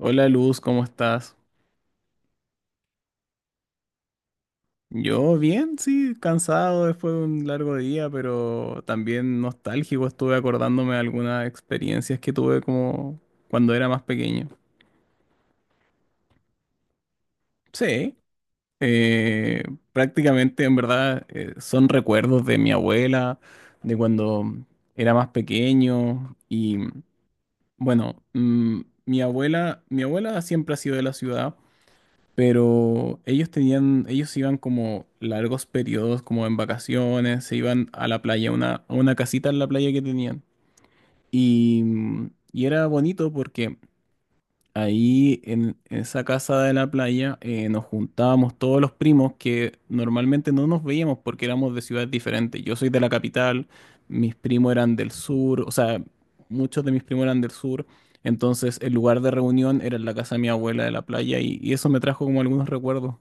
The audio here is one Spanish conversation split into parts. Hola Luz, ¿cómo estás? Yo bien, sí, cansado después de un largo día, pero también nostálgico. Estuve acordándome de algunas experiencias que tuve como cuando era más pequeño. Sí, eh, prácticamente en verdad son recuerdos de mi abuela, de cuando era más pequeño y bueno, mi abuela siempre ha sido de la ciudad. Pero ellos iban como largos periodos, como en vacaciones, se iban a la playa, a una casita en la playa que tenían. Y, y era bonito porque ahí en esa casa de la playa nos juntábamos todos los primos que normalmente no nos veíamos porque éramos de ciudades diferentes. Yo soy de la capital, mis primos eran del sur, o sea, muchos de mis primos eran del sur. Entonces el lugar de reunión era en la casa de mi abuela de la playa y eso me trajo como algunos recuerdos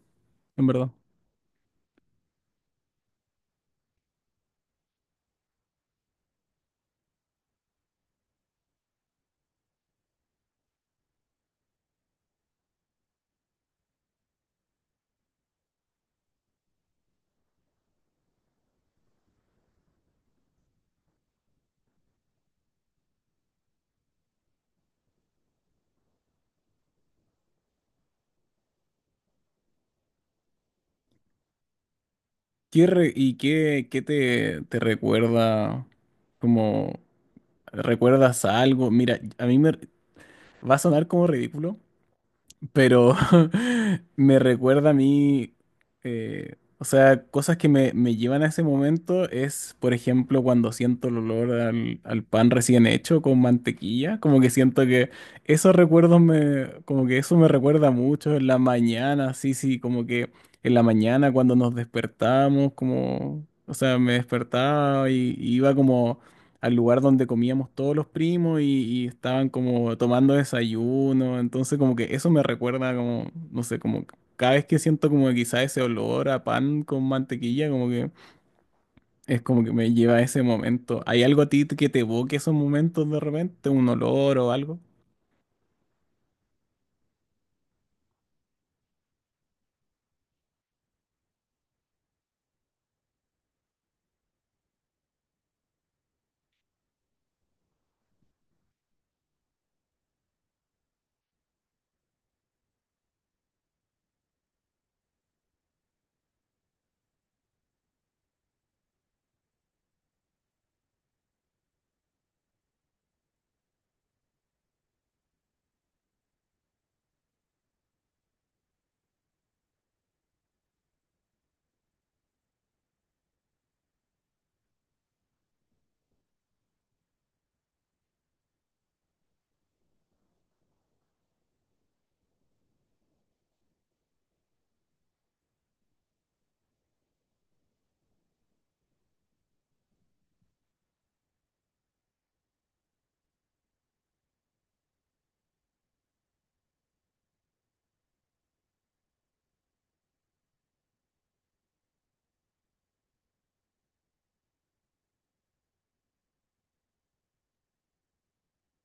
en verdad. ¿Y qué, te recuerda? Como, ¿recuerdas algo? Mira, a mí me va a sonar como ridículo, pero me recuerda a mí, o sea, cosas que me llevan a ese momento es, por ejemplo, cuando siento el olor al pan recién hecho con mantequilla, como que siento que esos recuerdos me, como que eso me recuerda mucho en la mañana, sí, sí, como que en la mañana cuando nos despertamos, como, o sea, me despertaba y iba como al lugar donde comíamos todos los primos y estaban como tomando desayuno. Entonces como que eso me recuerda como, no sé, como cada vez que siento como que quizá ese olor a pan con mantequilla, como que es como que me lleva a ese momento. ¿Hay algo a ti que te evoque esos momentos de repente? ¿Un olor o algo?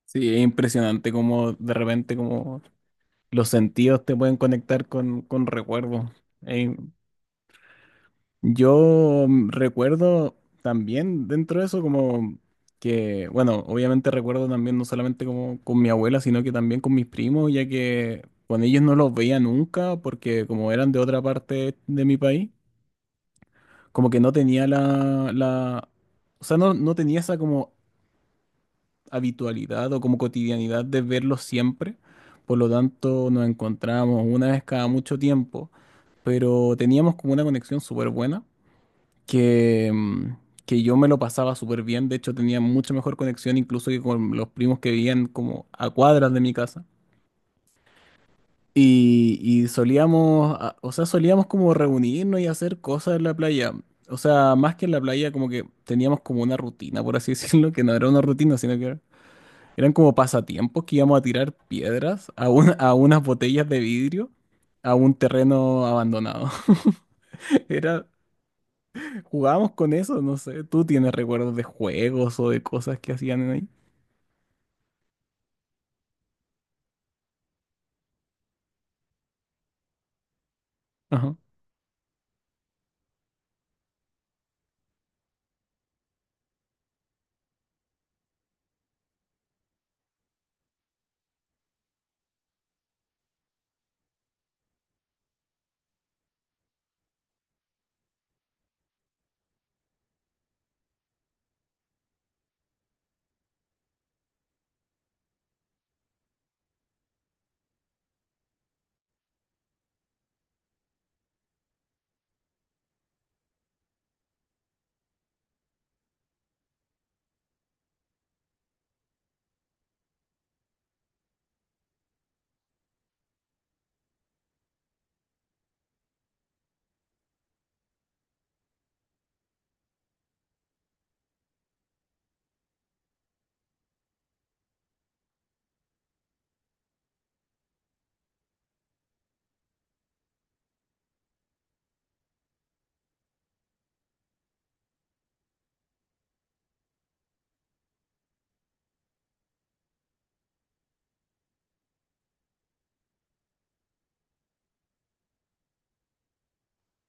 Sí, es impresionante como de repente como los sentidos te pueden conectar con recuerdos. Es. Yo recuerdo también dentro de eso como que, bueno, obviamente recuerdo también no solamente como con mi abuela, sino que también con mis primos, ya que con ellos no los veía nunca porque como eran de otra parte de mi país, como que no tenía la, o sea, no tenía esa como habitualidad o como cotidianidad de verlos siempre. Por lo tanto, nos encontramos una vez cada mucho tiempo, pero teníamos como una conexión súper buena que, que yo me lo pasaba súper bien. De hecho, tenía mucha mejor conexión incluso que con los primos que vivían como a cuadras de mi casa. Y solíamos, o sea, solíamos como reunirnos y hacer cosas en la playa. O sea, más que en la playa, como que teníamos como una rutina, por así decirlo, que no era una rutina, sino que eran como pasatiempos que íbamos a tirar piedras a, a unas botellas de vidrio a un terreno abandonado. Era. Jugábamos con eso, no sé. ¿Tú tienes recuerdos de juegos o de cosas que hacían en ahí? Ajá.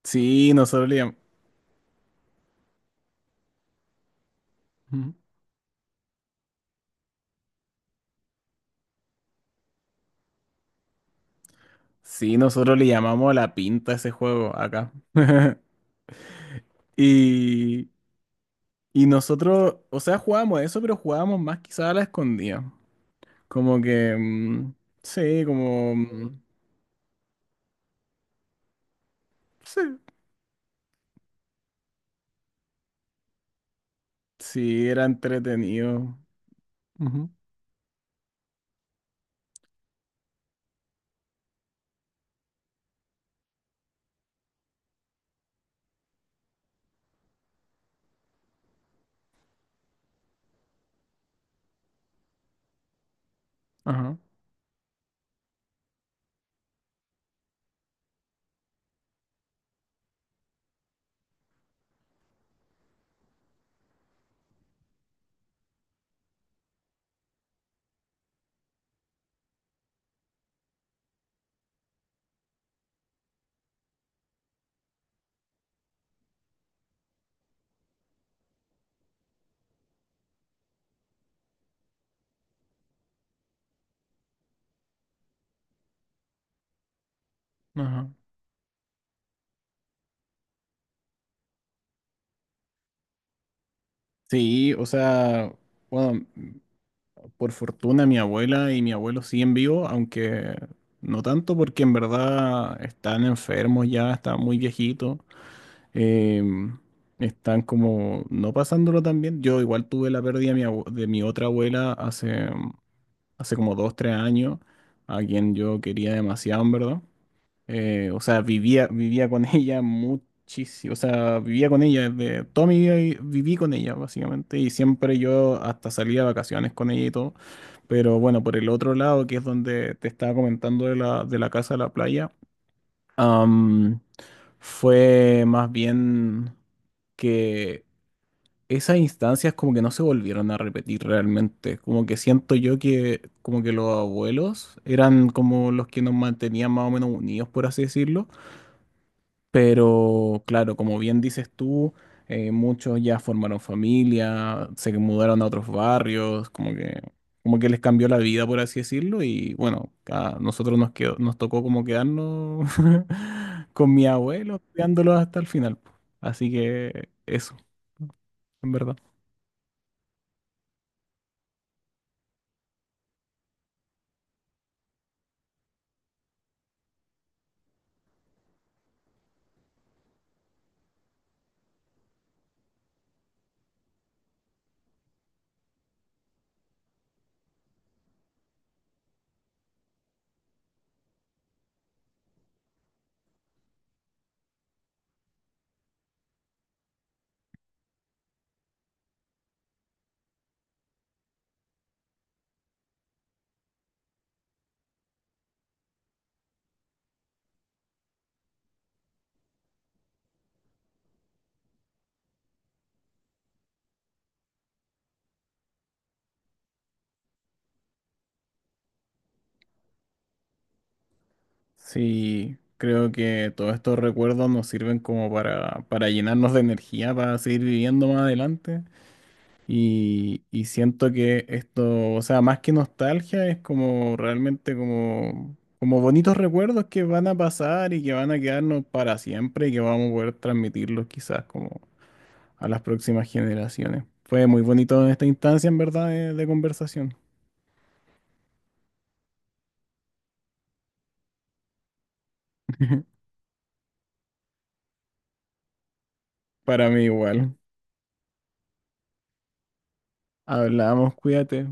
Sí, Ujú. Sí, nosotros le llamamos la pinta a ese juego acá. Y, y nosotros, o sea, jugábamos eso, pero jugábamos más quizás a la escondida. Como que, sí, como, sí, sí, era entretenido. Ujú. Ajá, ajá. Sí, o sea, bueno. Por fortuna, mi abuela y mi abuelo siguen vivos, aunque no tanto porque en verdad están enfermos ya, están muy viejitos, em, están como no pasándolo tan bien. Yo igual tuve la pérdida de mi, de mi otra abuela hace como dos, tres años, a quien yo quería demasiado, en verdad. O sea, vivía con ella muchísimo. O sea, vivía con ella desde toda mi vida viví con ella, básicamente. Y siempre yo hasta salía de vacaciones con ella y todo. Pero bueno, por el otro lado, que es donde te estaba comentando de de la casa a la playa, am, fue más bien que esas instancias como que no se volvieron a repetir realmente. Como que siento yo que como que los abuelos eran como los que nos mantenían más o menos unidos, por así decirlo. Pero claro, como bien dices tú, muchos ya formaron familia, se mudaron a otros barrios, como que les cambió la vida, por así decirlo, y bueno, a nosotros nos quedó, nos tocó como quedarnos con mi abuelo, cuidándolos hasta el final. Po. Así que eso, en verdad. Sí, creo que todos estos recuerdos nos sirven como para llenarnos de energía, para seguir viviendo más adelante. Y siento que esto, o sea, más que nostalgia, es como realmente como, como bonitos recuerdos que van a pasar y que van a quedarnos para siempre y que vamos a poder transmitirlos quizás como a las próximas generaciones. Fue muy bonito esta instancia, en verdad, de conversación. Para mí igual. Hablamos, cuídate.